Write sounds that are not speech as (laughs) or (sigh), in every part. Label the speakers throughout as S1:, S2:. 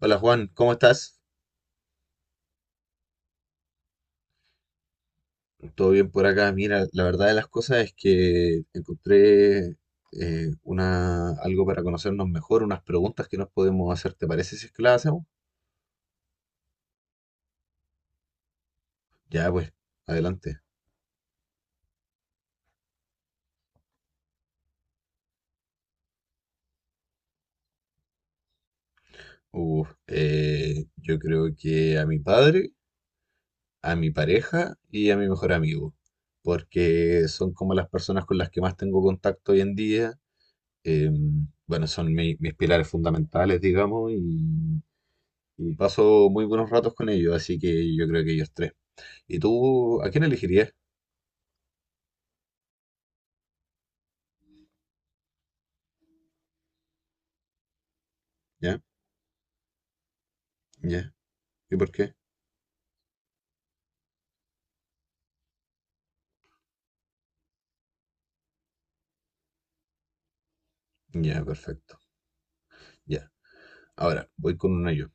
S1: Hola Juan, ¿cómo estás? ¿Todo bien por acá? Mira, la verdad de las cosas es que encontré algo para conocernos mejor, unas preguntas que nos podemos hacer. ¿Te parece si es que las hacemos? Ya, pues, adelante. Uf, yo creo que a mi padre, a mi pareja y a mi mejor amigo, porque son como las personas con las que más tengo contacto hoy en día. Bueno, son mis pilares fundamentales, digamos, y paso muy buenos ratos con ellos, así que yo creo que ellos tres. ¿Y tú a quién elegirías? ¿Ya? ¿Ya? ¿Y por qué? Ya, perfecto. Ya. Ahora, voy con uno yo.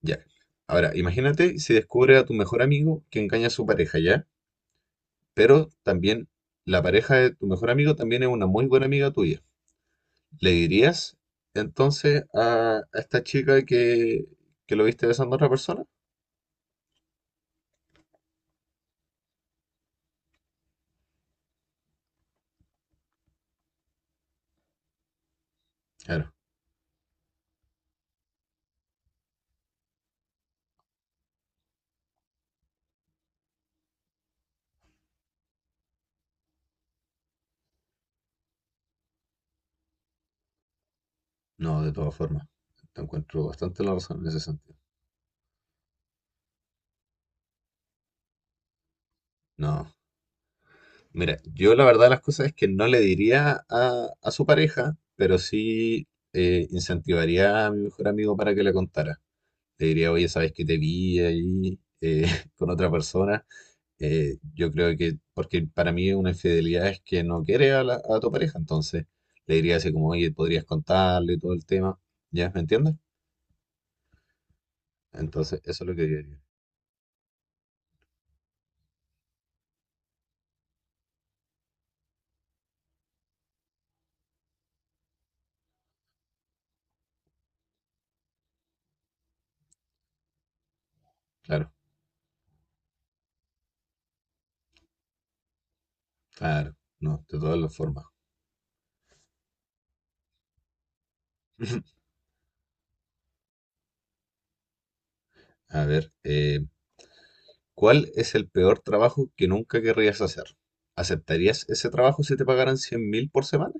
S1: Ya. Ahora, imagínate si descubre a tu mejor amigo que engaña a su pareja, ¿ya? Pero también la pareja de tu mejor amigo también es una muy buena amiga tuya. ¿Le dirías entonces a esta chica que lo viste besando a otra persona? Claro. No, de todas formas. Te encuentro bastante la razón en ese sentido. No. Mira, yo la verdad de las cosas es que no le diría a su pareja, pero sí incentivaría a mi mejor amigo para que le contara. Le diría, oye, ¿sabes que te vi ahí (laughs) con otra persona? Yo creo que, porque para mí una infidelidad es que no quiere a tu pareja, entonces le diría así como, oye, podrías contarle todo el tema, ¿ya? ¿Me entiendes? Entonces, eso es lo que yo diría. Claro, claro, no, de todas las formas. (laughs) A ver, ¿cuál es el peor trabajo que nunca querrías hacer? ¿Aceptarías ese trabajo si te pagaran 100.000 por semana?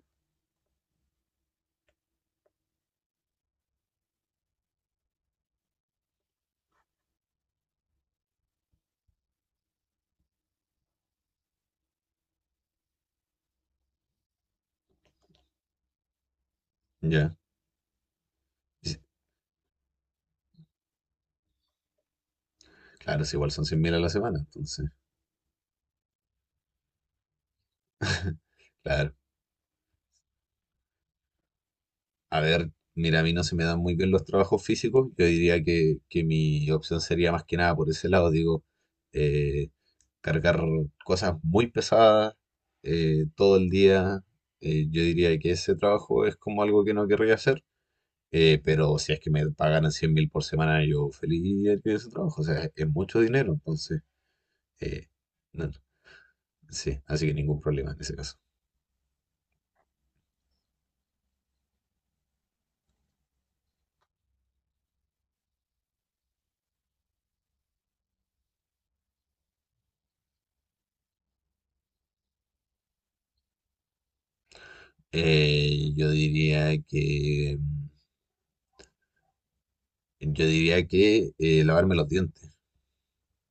S1: Ya. Y si- Claro, si igual son 100.000 a la semana, entonces. (laughs) Claro. A ver, mira, a mí no se me dan muy bien los trabajos físicos. Yo diría que mi opción sería más que nada por ese lado, digo, eh, cargar cosas muy pesadas todo el día. Yo diría que ese trabajo es como algo que no querría hacer. Pero si es que me pagaran 100.000 por semana, yo feliz haría ese trabajo. O sea, es mucho dinero, entonces, eh, no, no, sí, así que ningún problema en ese caso. Yo diría que, mm, yo diría que lavarme los dientes,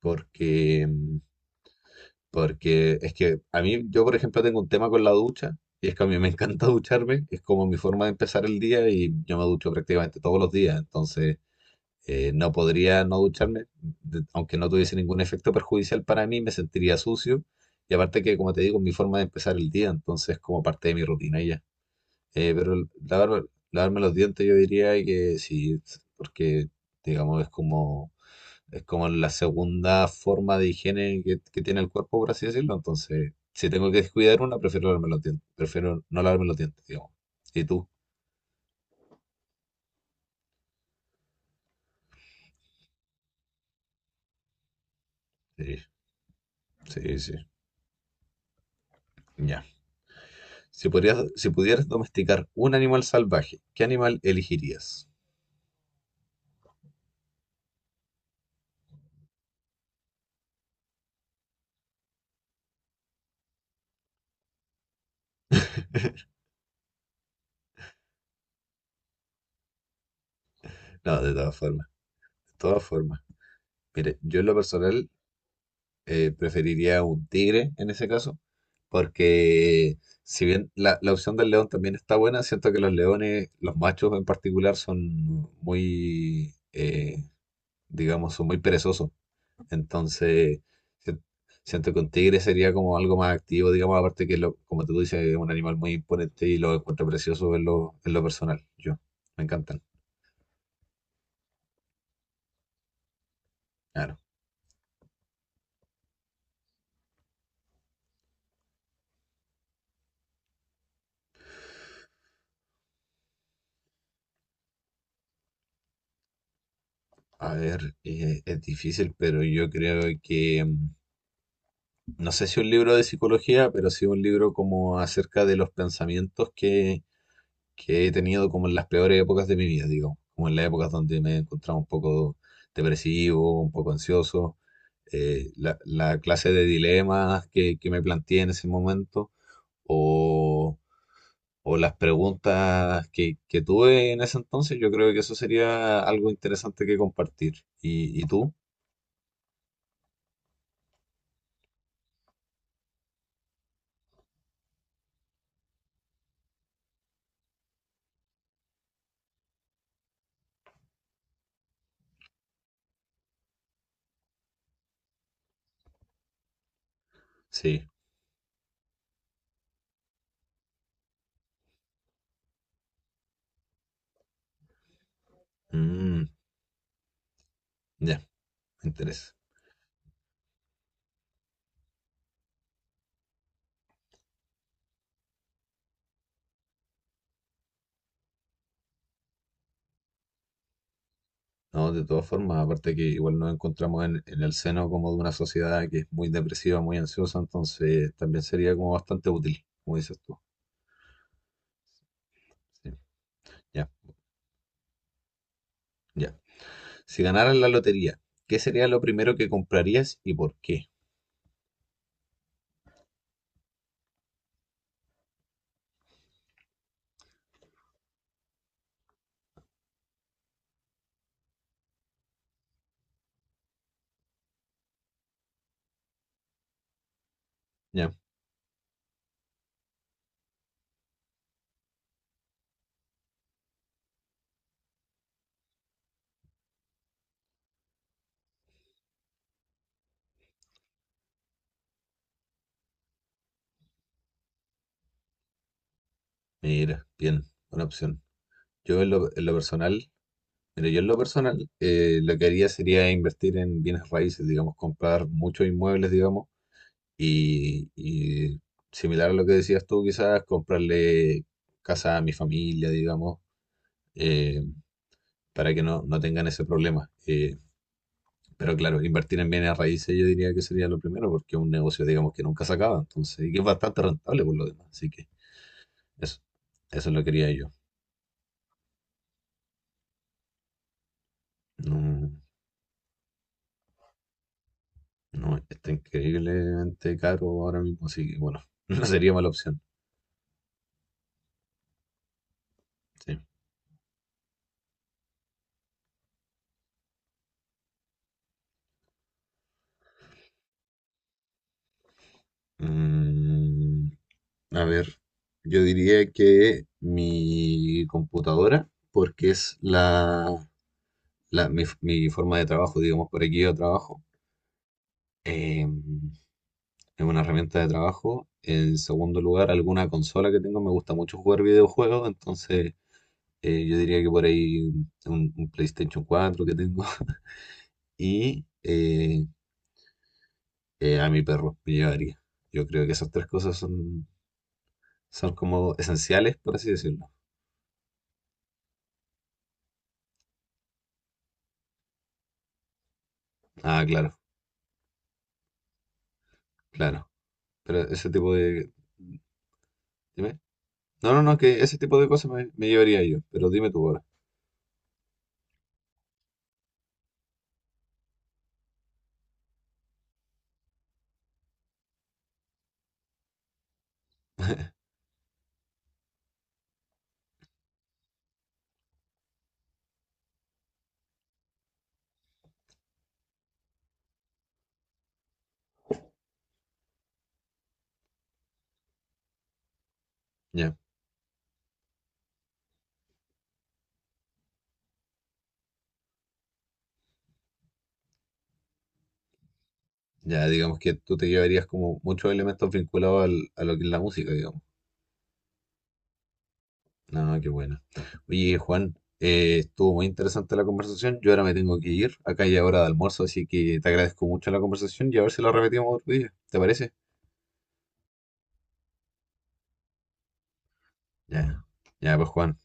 S1: porque, mm, porque es que a mí, yo por ejemplo tengo un tema con la ducha, y es que a mí me encanta (laughs) ducharme, es como mi forma de empezar el día y yo me ducho prácticamente todos los días, entonces, no podría no ducharme, aunque no tuviese ningún efecto perjudicial para mí, me sentiría sucio. Y aparte que, como te digo, es mi forma de empezar el día, entonces como parte de mi rutina y ya. Eh, pero el- lavar- Lavarme los dientes yo diría que sí, porque digamos es como la segunda forma de higiene que tiene el cuerpo, por así decirlo. Entonces, si tengo que descuidar una, prefiero lavarme los dientes, prefiero no lavarme los dientes, digamos. ¿Y tú? Sí, sí, sí. Ya. Si pudieras domesticar un animal salvaje, ¿qué animal elegirías? No, de todas formas, de todas formas. Mire, yo en lo personal preferiría un tigre en ese caso, porque si bien la opción del león también está buena, siento que los leones, los machos en particular, son muy, digamos, son muy perezosos. Entonces, si- siento que un tigre sería como algo más activo, digamos, aparte que, como tú dices, es un animal muy imponente y lo encuentro precioso en lo personal. Yo, me encantan. Claro. A ver, es difícil, pero yo creo que, no sé si un libro de psicología, pero sí un libro como acerca de los pensamientos que he tenido como en las peores épocas de mi vida, digamos, como en las épocas donde me he encontrado un poco depresivo, un poco ansioso, la clase de dilemas que me planteé en ese momento o, o las preguntas que tuve en ese entonces, yo creo que eso sería algo interesante que compartir. ¿Y tú? Sí. Mm, ya, me interesa. No, de todas formas, aparte que igual nos encontramos en el seno como de una sociedad que es muy depresiva, muy ansiosa, entonces también sería como bastante útil, como dices tú. Sí, ya, ya. Si ganaras la lotería, ¿qué sería lo primero que comprarías y por qué? Ya, mira, bien, buena opción. Yo en lo, en lo personal, yo en lo personal, lo que haría sería invertir en bienes raíces, digamos, comprar muchos inmuebles, digamos. Y similar a lo que decías tú, quizás comprarle casa a mi familia, digamos, eh, para que no tengan ese problema. Pero claro, invertir en bienes raíces yo diría que sería lo primero, porque es un negocio, digamos, que nunca se acaba, entonces, y que es bastante rentable por lo demás. Así que eso, eso es lo que quería yo. No, no, está increíblemente caro ahora mismo, así que bueno, (laughs) no sería mala opción. Sí. Mm, A ver, yo diría que mi computadora, porque es mi forma de trabajo, digamos, por aquí yo trabajo, eh, es una herramienta de trabajo. En segundo lugar, alguna consola que tengo, me gusta mucho jugar videojuegos, entonces yo diría que por ahí un PlayStation 4 que tengo (laughs) y a mi perro me llevaría. Yo creo que esas tres cosas son como esenciales, por así decirlo. Ah, claro, claro. Pero ese tipo de... Dime. No, no, no, que ese tipo de cosas me llevaría yo, pero dime tú ahora. Ya, ya, digamos que tú te llevarías como muchos elementos vinculados a lo que es la música, digamos. No, no, qué bueno. Oye, Juan, estuvo muy interesante la conversación. Yo ahora me tengo que ir. Acá ya hora de almuerzo, así que te agradezco mucho la conversación y a ver si la repetimos otro día. ¿Te parece? Ya, ya, pues Juan,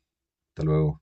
S1: hasta luego.